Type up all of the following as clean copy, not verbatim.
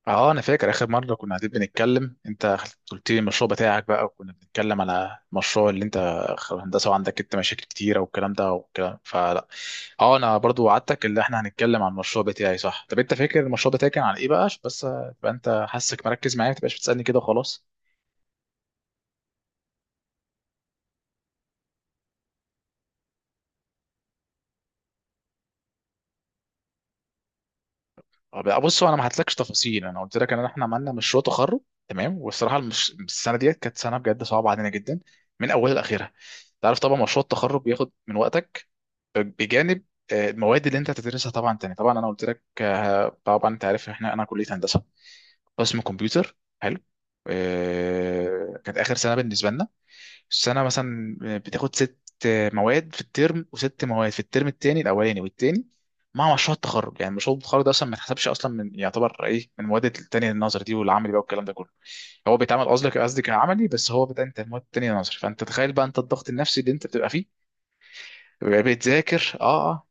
اه انا فاكر اخر مره كنا قاعدين بنتكلم. انت قلت لي المشروع بتاعك بقى، وكنا بنتكلم على المشروع اللي انت هندسه، وعندك انت مشاكل كتيره والكلام ده والكلام فلا. اه انا برضو وعدتك اللي احنا هنتكلم عن المشروع بتاعي صح. طب انت فاكر المشروع بتاعي كان عن ايه بقى؟ عشان بس تبقى انت حاسك مركز معايا، ما تبقاش بتسالني كده وخلاص. اه بقى بص، هو انا ما هتلكش تفاصيل. انا قلت لك ان احنا عملنا مشروع تخرج تمام. والصراحه السنه ديت كانت سنه بجد صعبه علينا جدا من اولها لاخرها. تعرف طبعا مشروع التخرج بياخد من وقتك بجانب المواد اللي انت هتدرسها طبعا. تاني طبعا انا قلت لك، طبعا انت عارف احنا انا كليه هندسه، قسم كمبيوتر حلو. كانت اخر سنه بالنسبه لنا. السنه مثلا بتاخد ست مواد في الترم، وست مواد في الترم التاني، الاولاني والتاني، مع مشروع التخرج. يعني مشروع التخرج ده اصلا ما يتحسبش اصلا من، يعتبر ايه، من المواد التانية النظري دي والعملي بقى والكلام ده كله. هو بيتعمل قصدك، قصدي كعملي، بس هو بتاع انت المواد التانية النظري. فانت تخيل بقى انت الضغط النفسي اللي انت بتبقى فيه بتبقى بتذاكر. اه اه.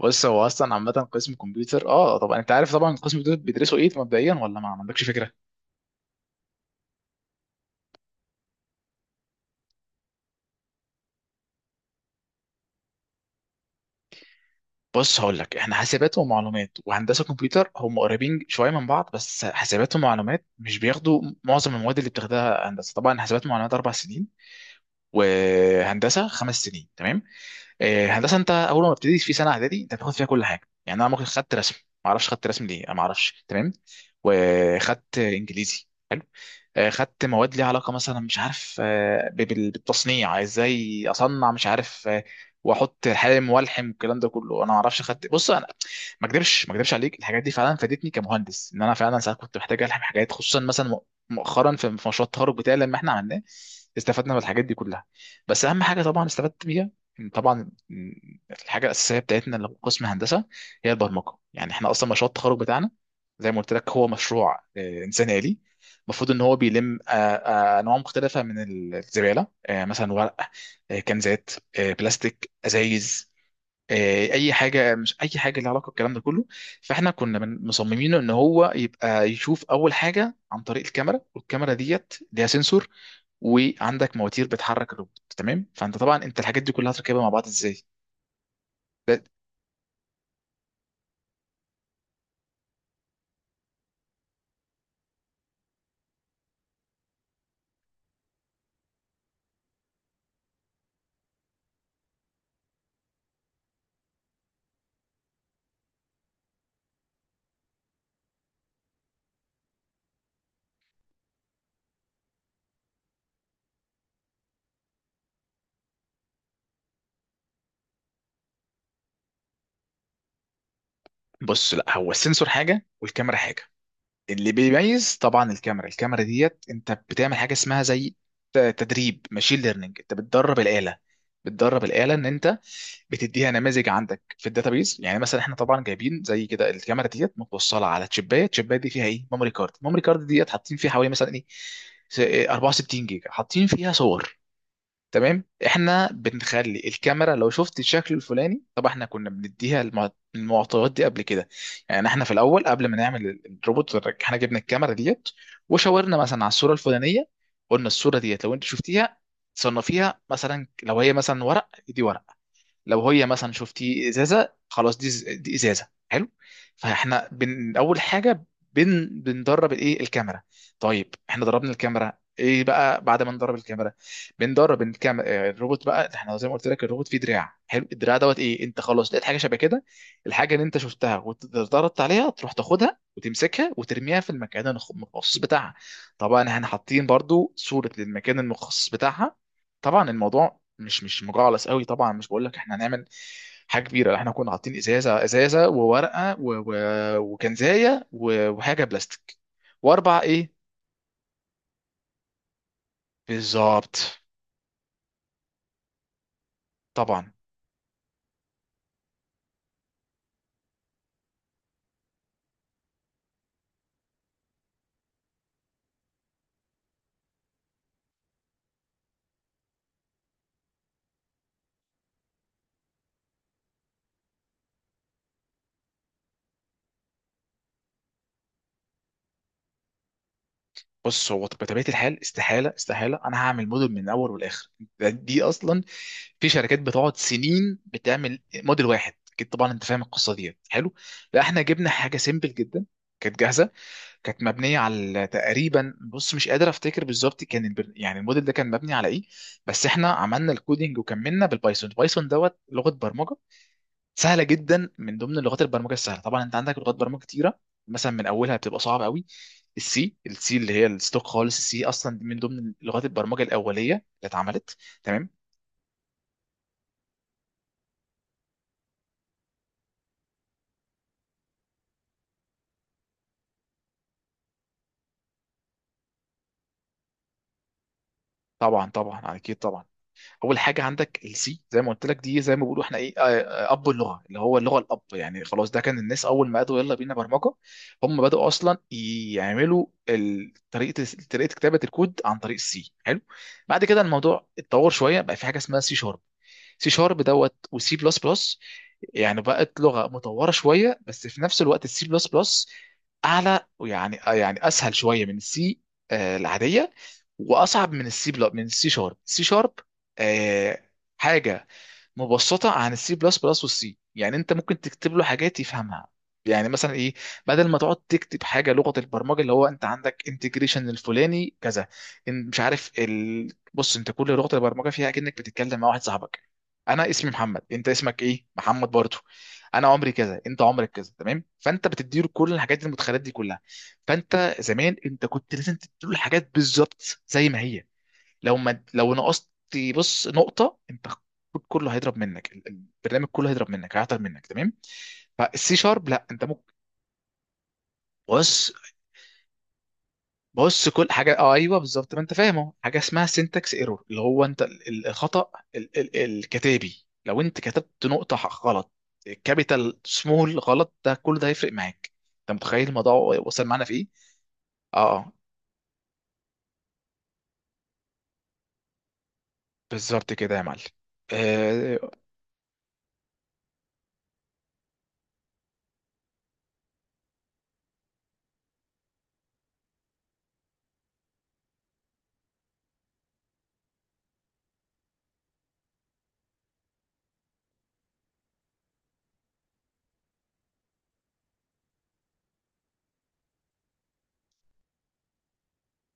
بص هو اصلا عامه قسم كمبيوتر، اه طبعا انت عارف، طبعا قسم كمبيوتر بيدرسوا ايه مبدئيا، ولا ما عندكش فكره؟ بص هقول لك، احنا حاسبات ومعلومات وهندسه كمبيوتر هم قريبين شويه من بعض، بس حاسبات ومعلومات مش بياخدوا معظم المواد اللي بتاخدها هندسه. طبعا حاسبات ومعلومات 4 سنين، وهندسه 5 سنين تمام. هندسه انت اول ما بتبتدي في سنه اعدادي انت بتاخد فيها كل حاجه. يعني انا ممكن خدت رسم، ما اعرفش خدت رسم ليه، انا ما اعرفش تمام. وخدت انجليزي، خدت مواد ليها علاقه مثلا، مش عارف، بالتصنيع ازاي اصنع، مش عارف واحط حالم والحم والكلام ده كله، انا ما اعرفش خدت. بص انا ما اكدبش، ما اكدبش عليك، الحاجات دي فعلا فادتني كمهندس، ان انا فعلا ساعات كنت محتاج الحم حاجات، خصوصا مثلا مؤخرا في مشروع التخرج بتاعي لما احنا عملناه، استفدنا من الحاجات دي كلها. بس اهم حاجه طبعا استفدت بيها، إن طبعا الحاجه الاساسيه بتاعتنا اللي في قسم هندسه هي البرمجه. يعني احنا اصلا مشروع التخرج بتاعنا، زي ما قلت لك، هو مشروع انسان آلي. المفروض ان هو بيلم انواع مختلفه من الزباله، مثلا ورق، كنزات، بلاستيك، ازايز، اي حاجه، مش اي حاجه، ليها علاقه بالكلام ده كله. فاحنا كنا مصممين ان هو يبقى يشوف اول حاجه عن طريق الكاميرا، والكاميرا ديت ليها سنسور، وعندك مواتير بتحرك الروبوت تمام. فانت طبعا انت الحاجات دي كلها هتركبها مع بعض ازاي؟ ده- بص لا، هو السنسور حاجه والكاميرا حاجه. اللي بيميز طبعا الكاميرا، الكاميرا ديت انت بتعمل حاجه اسمها زي تدريب ماشين ليرنينج. انت بتدرب الاله، بتدرب الاله ان انت بتديها نماذج عندك في الداتابيز. يعني مثلا احنا طبعا جايبين زي كده الكاميرا ديت متوصله على تشيبايه، التشيبايه دي فيها ايه، ميموري كارد، الميموري كارد ديت حاطين فيها حوالي مثلا ايه، س- إيه، 64 جيجا، حاطين فيها صور تمام. احنا بنخلي الكاميرا لو شفت الشكل الفلاني، طب احنا كنا بنديها المعطيات دي قبل كده. يعني احنا في الاول قبل ما نعمل الروبوت احنا جبنا الكاميرا ديت، وشاورنا مثلا على الصوره الفلانيه، قلنا الصوره ديت لو انت شفتيها صنفيها، مثلا لو هي مثلا ورق دي ورق، لو هي مثلا شفتي ازازه خلاص دي دي ازازه حلو. فاحنا اول حاجه بندرب الايه، الكاميرا. طيب احنا دربنا الكاميرا، ايه بقى بعد ما ندرب الكاميرا؟ بندرب الكاميرا الروبوت بقى. احنا زي ما قلت لك الروبوت فيه دراع حلو، الدراع دوت ايه، انت خلاص لقيت حاجه شبه كده، الحاجه اللي انت شفتها واتدربت عليها، تروح تاخدها وتمسكها وترميها في المكان المخصص بتاعها. طبعا احنا حاطين برضو صوره للمكان المخصص بتاعها. طبعا الموضوع مش مجعلص قوي، طبعا مش بقول لك احنا هنعمل حاجه كبيره، لا، احنا كنا حاطين ازازه ازازه وورقه وكنزايه وحاجه بلاستيك. واربع ايه، بالظبط. طبعا بص، هو بطبيعه الحال استحاله استحاله انا هعمل موديل من الاول والاخر. دي اصلا، في شركات بتقعد سنين بتعمل موديل واحد، اكيد طبعا انت فاهم القصه دي حلو. لا احنا جبنا حاجه سيمبل جدا، كانت جاهزه، كانت مبنيه على تقريبا، بص مش قادر افتكر بالظبط كان يعني الموديل ده كان مبني على ايه. بس احنا عملنا الكودينج وكملنا بالبايثون، البايثون دوت لغه برمجه سهله جدا من ضمن لغات البرمجه السهله. طبعا انت عندك لغات برمجه كتيره مثلا من اولها بتبقى صعبه قوي، السي. السي اللي هي الستوك خالص، السي اصلا من ضمن لغات البرمجه الاوليه اللي اتعملت تمام. طبعا اكيد طبعا، اول حاجه عندك السي زي ما قلت لك، دي زي ما بيقولوا احنا ايه، اب، اللغه اللي هو اللغه الاب. يعني خلاص ده كان الناس اول ما قالوا يلا بينا برمجه، هم بداوا اصلا يعملوا طريقه، طريقه كتابه الكود عن طريق السي حلو. بعد كده الموضوع اتطور شويه، بقى في حاجه اسمها سي شارب، سي شارب دوت وسي بلس بلس، يعني بقت لغه مطوره شويه. بس في نفس الوقت السي بلس بلس اعلى، ويعني يعني اسهل شويه من السي العاديه، واصعب من السي بلس، من السي شارب. السي شارب آه، حاجه مبسطه عن السي بلس بلس والسي. يعني انت ممكن تكتب له حاجات يفهمها، يعني مثلا ايه، بدل ما تقعد تكتب حاجه لغه البرمجه، اللي هو انت عندك انتجريشن الفلاني كذا، مش عارف بص انت كل لغه البرمجه فيها كأنك بتتكلم مع واحد صاحبك، انا اسمي محمد، انت اسمك ايه، محمد برضه، انا عمري كذا، انت عمرك كذا تمام. فانت بتديله كل الحاجات دي، المدخلات دي كلها. فانت زمان انت كنت لازم تديله الحاجات بالظبط زي ما هي، لو ما لو نقصت بص نقطة، انت الكود كله هيضرب منك، البرنامج كله هيضرب منك، هيعطل منك تمام. فالسي شارب لا انت ممكن. بص بص كل حاجة، اه ايوه بالظبط، ما انت فاهمه، حاجة اسمها سينتاكس ايرور، اللي هو انت الخطأ الكتابي. لو انت كتبت نقطة غلط، كابيتال سمول غلط، ده كل ده هيفرق معاك. انت متخيل الموضوع وصل معانا في ايه؟ اه اه بالظبط كده يا معلم. آه،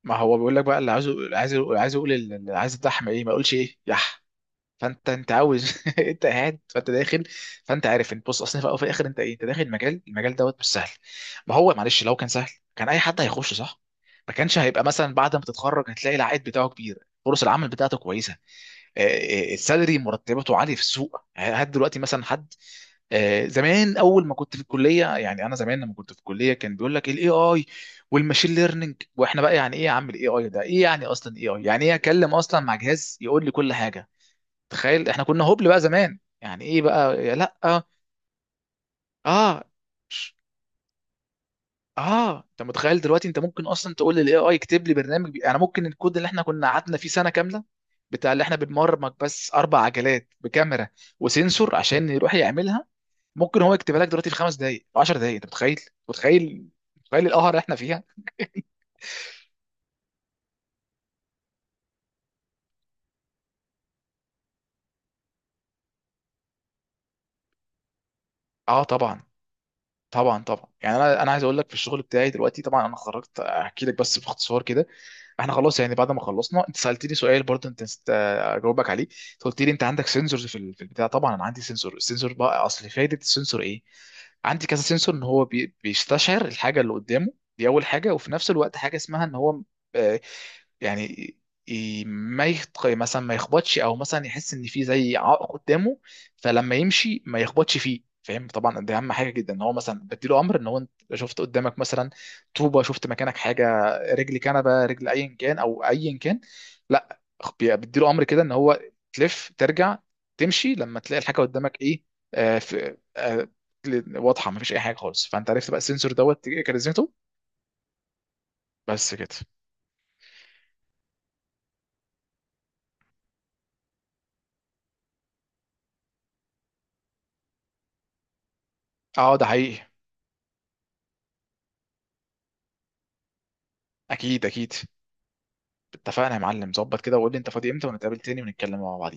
ما هو بيقول لك بقى اللي عايزه، عايز يقول اللي عايز الدحم ايه، ما يقولش ايه يح. فانت انت عاوز انت قاعد، فانت داخل. فانت عارف انت، بص اصلا في الاول وفي الاخر انت ايه، انت داخل مجال، المجال دوت مش سهل. ما هو معلش لو كان سهل كان اي حد هيخش صح، ما كانش هيبقى مثلا بعد ما تتخرج هتلاقي العائد بتاعه كبير، فرص العمل بتاعته كويسه، السالري، مرتباته عاليه في السوق. هات دلوقتي مثلا حد، زمان اول ما كنت في الكليه، يعني انا زمان لما كنت في الكليه كان بيقول لك الاي اي والماشين ليرنينج، واحنا بقى يعني ايه يا عم الاي اي ده ايه يعني، اصلا اي اي يعني ايه، اكلم اصلا مع جهاز يقول لي كل حاجه؟ تخيل احنا كنا هبل بقى زمان يعني. ايه بقى يا لا اه آه، اه انت متخيل دلوقتي انت ممكن اصلا تقول للاي اي يكتب لي برنامج يعني ممكن الكود اللي احنا كنا قعدنا فيه سنه كامله بتاع اللي احنا بنبرمج بس 4 عجلات بكاميرا وسنسور عشان يروح يعملها، ممكن هو يكتبها لك دلوقتي في 5 دقائق، 10 دقائق، انت متخيل؟ متخيل؟ متخيل القهر اللي احنا فيها؟ اه طبعا طبعا. يعني انا عايز اقول لك في الشغل بتاعي دلوقتي. طبعا انا خرجت احكي لك بس باختصار كده، احنا خلاص يعني بعد ما خلصنا. انت سالتني سؤال برضه انت نسيت اجاوبك عليه، أنت قلت لي انت عندك سنسورز في البتاع. طبعا انا عندي سنسور، السنسور بقى اصل فايده السنسور ايه، عندي كذا سنسور، ان هو بيستشعر الحاجه اللي قدامه دي اول حاجه، وفي نفس الوقت حاجه اسمها ان هو آه، يعني ي- ما يخط... مثلا ما يخبطش، او مثلا يحس ان في زي عائق قدامه، فلما يمشي ما يخبطش فيه فاهم. طبعا دي اهم حاجه جدا، ان هو مثلا بديله امر ان هو انت شفت قدامك مثلا طوبه، شفت مكانك حاجه، رجل كنبه، رجل ايا كان او ايا كان، لا بديله امر كده ان هو تلف، ترجع، تمشي لما تلاقي الحاجه قدامك ايه آه، في آه، رجل واضحه، ما فيش اي حاجه خالص. فانت عرفت بقى السنسور دوت كاريزمته. بس كده. اه ده حقيقي. اكيد اكيد. اتفقنا يا معلم، ظبط كده، وقول لي انت فاضي امتى ونتقابل تاني ونتكلم مع بعض.